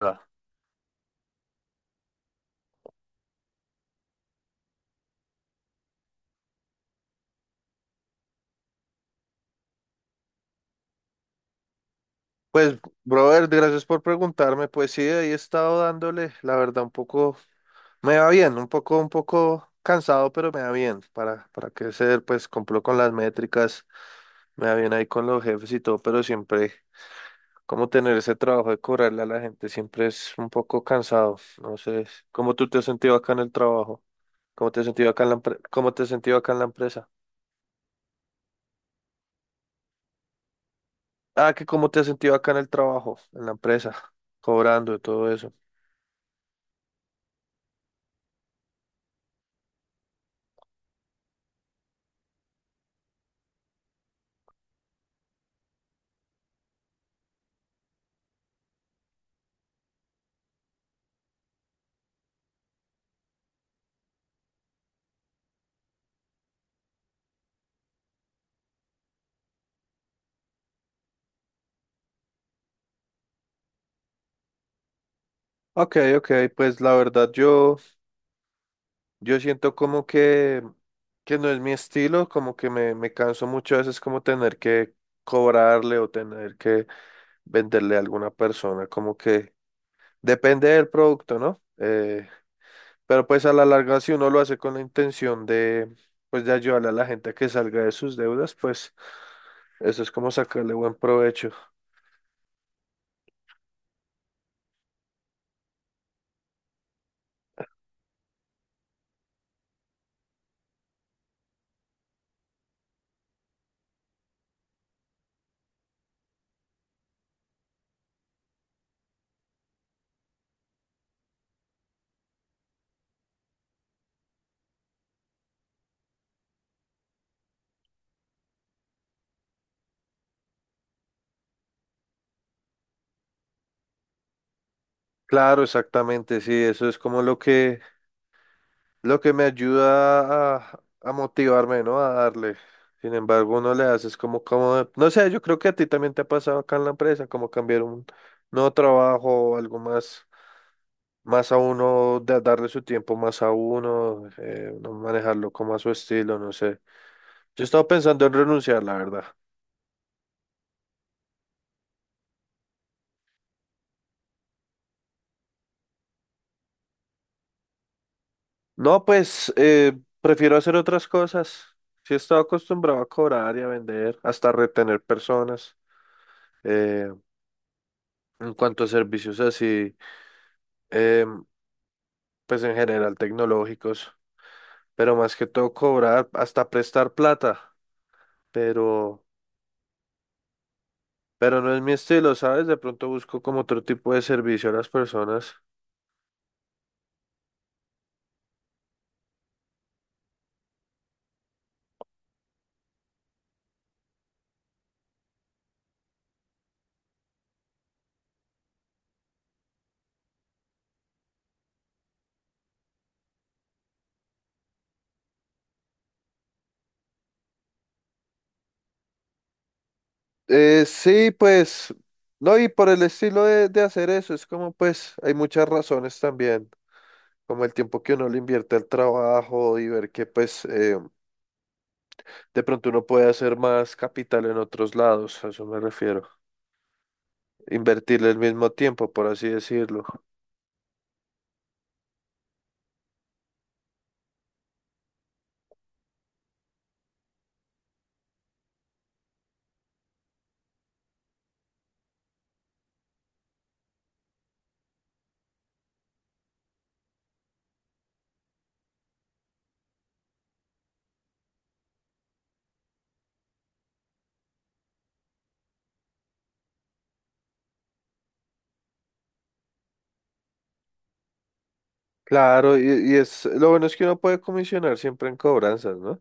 Va. Pues, brother, gracias por preguntarme. Pues sí, ahí he estado dándole, la verdad, un poco, me va bien, un poco cansado, pero me va bien. Para qué ser, pues cumplo con las métricas, me va bien ahí con los jefes y todo, pero siempre, como tener ese trabajo de cobrarle a la gente, siempre es un poco cansado. No sé, ¿cómo tú te has sentido acá en el trabajo? ¿Cómo te has sentido acá en la empresa? Ah, que cómo te has sentido acá en el trabajo, en la empresa, cobrando y todo eso. Ok, ok, pues la verdad yo, yo siento como que no es mi estilo, como que me canso mucho a veces como tener que cobrarle o tener que venderle a alguna persona, como que depende del producto, ¿no? Pero pues a la larga si uno lo hace con la intención de, pues de ayudarle a la gente a que salga de sus deudas, pues eso es como sacarle buen provecho. Claro, exactamente, sí, eso es como lo que... Lo que me ayuda a motivarme, ¿no? A darle. Sin embargo, uno le haces como, como, no sé, yo creo que a ti también te ha pasado acá en la empresa, como cambiar un nuevo trabajo o algo más, más a uno, de darle su tiempo más a uno, no manejarlo como a su estilo, no sé. Yo estaba pensando en renunciar, la verdad. No, pues prefiero hacer otras cosas. Sí he estado acostumbrado a cobrar y a vender, hasta retener personas. eh, en cuanto a servicios así. em, pues en general tecnológicos, pero más que todo cobrar, hasta prestar plata, pero, pero no es mi estilo, ¿sabes? De pronto busco como otro tipo de servicio a las personas. Sí, pues, no, y por el estilo de hacer eso, es como pues hay muchas razones también, como el tiempo que uno le invierte al trabajo y ver que pues de pronto uno puede hacer más capital en otros lados, a eso me refiero, invertirle el mismo tiempo, por así decirlo. Claro, y es lo bueno es que uno puede comisionar siempre en cobranzas, ¿no?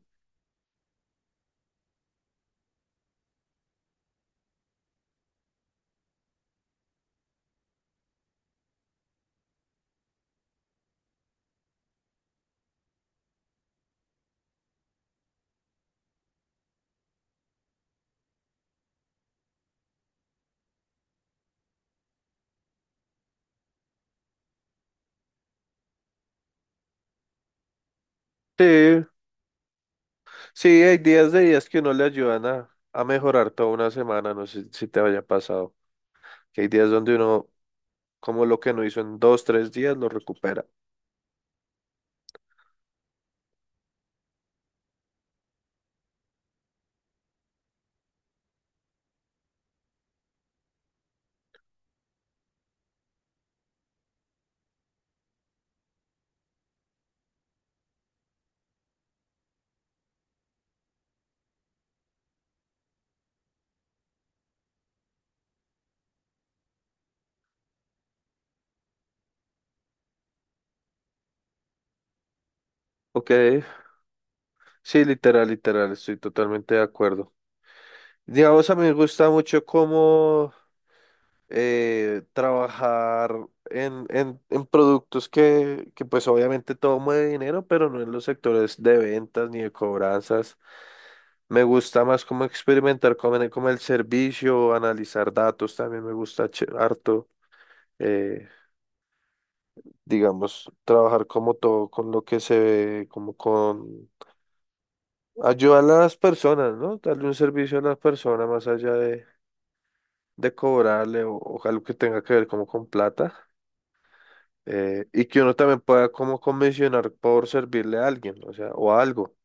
Sí, sí, hay días de días que uno le ayudan a mejorar toda una semana, no sé si te haya pasado, que hay días donde uno, como lo que no hizo en dos, tres días, lo recupera. Ok, sí, literal, literal, estoy totalmente de acuerdo. Digamos, a mí me gusta mucho cómo trabajar en productos que pues obviamente todo mueve dinero, pero no en los sectores de ventas ni de cobranzas. Me gusta más como experimentar como el servicio, analizar datos, también me gusta harto, eh, digamos, trabajar como todo con lo que se ve, como con ayudar a las personas, ¿no? Darle un servicio a las personas más allá de cobrarle o algo que tenga que ver como con plata. Y que uno también pueda como convencionar por servirle a alguien, o sea, o a algo,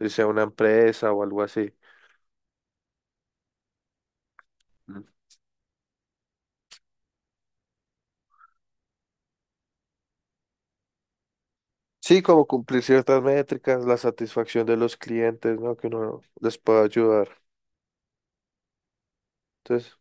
si sea una empresa o algo así. Mm. Sí, como cumplir ciertas métricas, la satisfacción de los clientes, ¿no? Que uno les pueda ayudar. Entonces,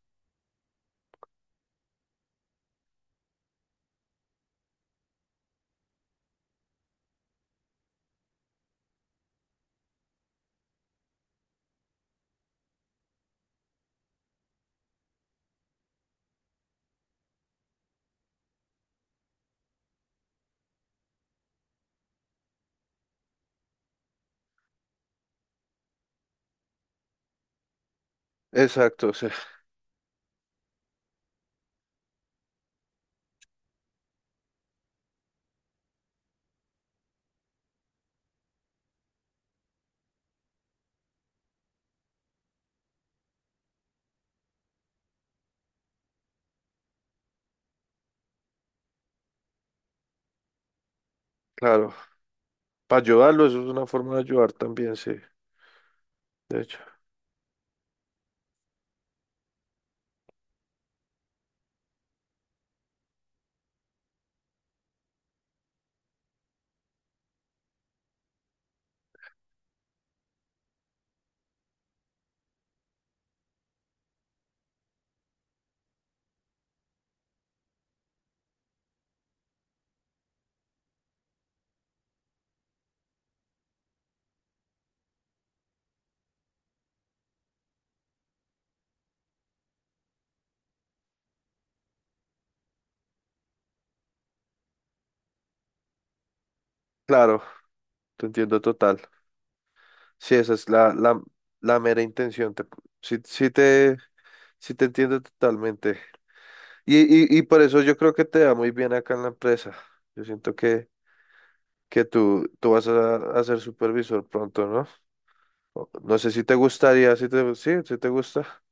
exacto, o sea, claro, para ayudarlo, eso es una forma de ayudar también, sí, de hecho. Claro, te entiendo total. Sí, esa es la, la, la mera intención. Te, sí, sí te entiendo totalmente. Y, y por eso yo creo que te da muy bien acá en la empresa. Yo siento que tú vas a ser supervisor pronto, ¿no? O- No sé si te gustaría, si te, sí, si te gusta.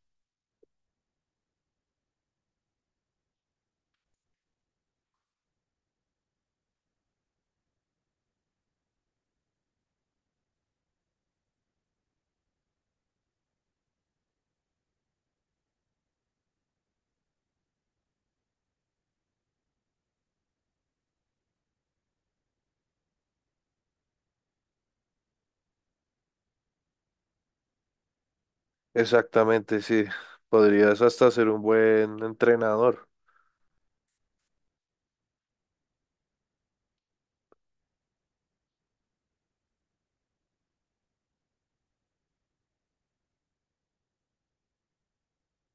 Exactamente, sí. Podrías hasta ser un buen entrenador.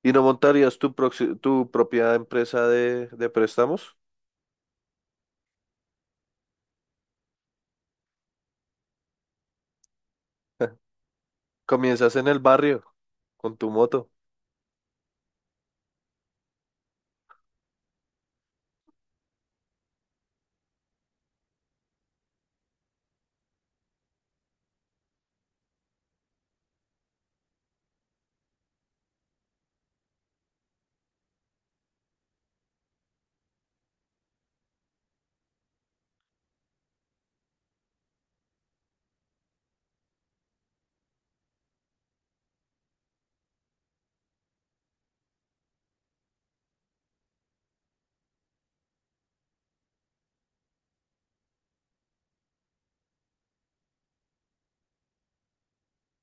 ¿Y no montarías tu, tu propia empresa de préstamos? Comienzas en el barrio con tu moto.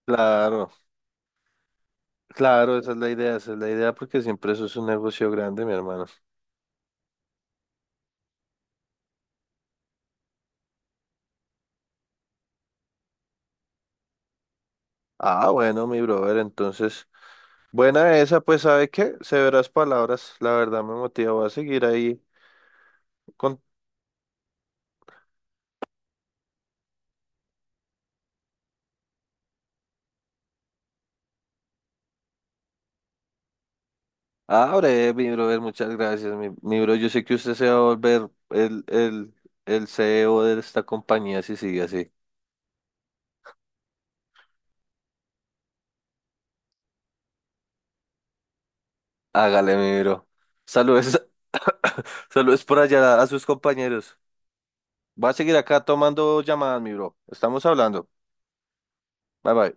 Claro, claro, esa es la idea, esa es la idea porque siempre eso es un negocio grande, mi hermano. Ah, bueno, mi brother, entonces, buena esa, pues, ¿sabe qué? Severas palabras, la verdad me motiva, voy a seguir ahí con. Ah, breve, mi brother, muchas gracias, mi bro. Yo sé que usted se va a volver el CEO de esta compañía si sigue así. Hágale, mi bro. Saludos, saludos por allá a sus compañeros. Va a seguir acá tomando llamadas, mi bro. Estamos hablando. Bye bye.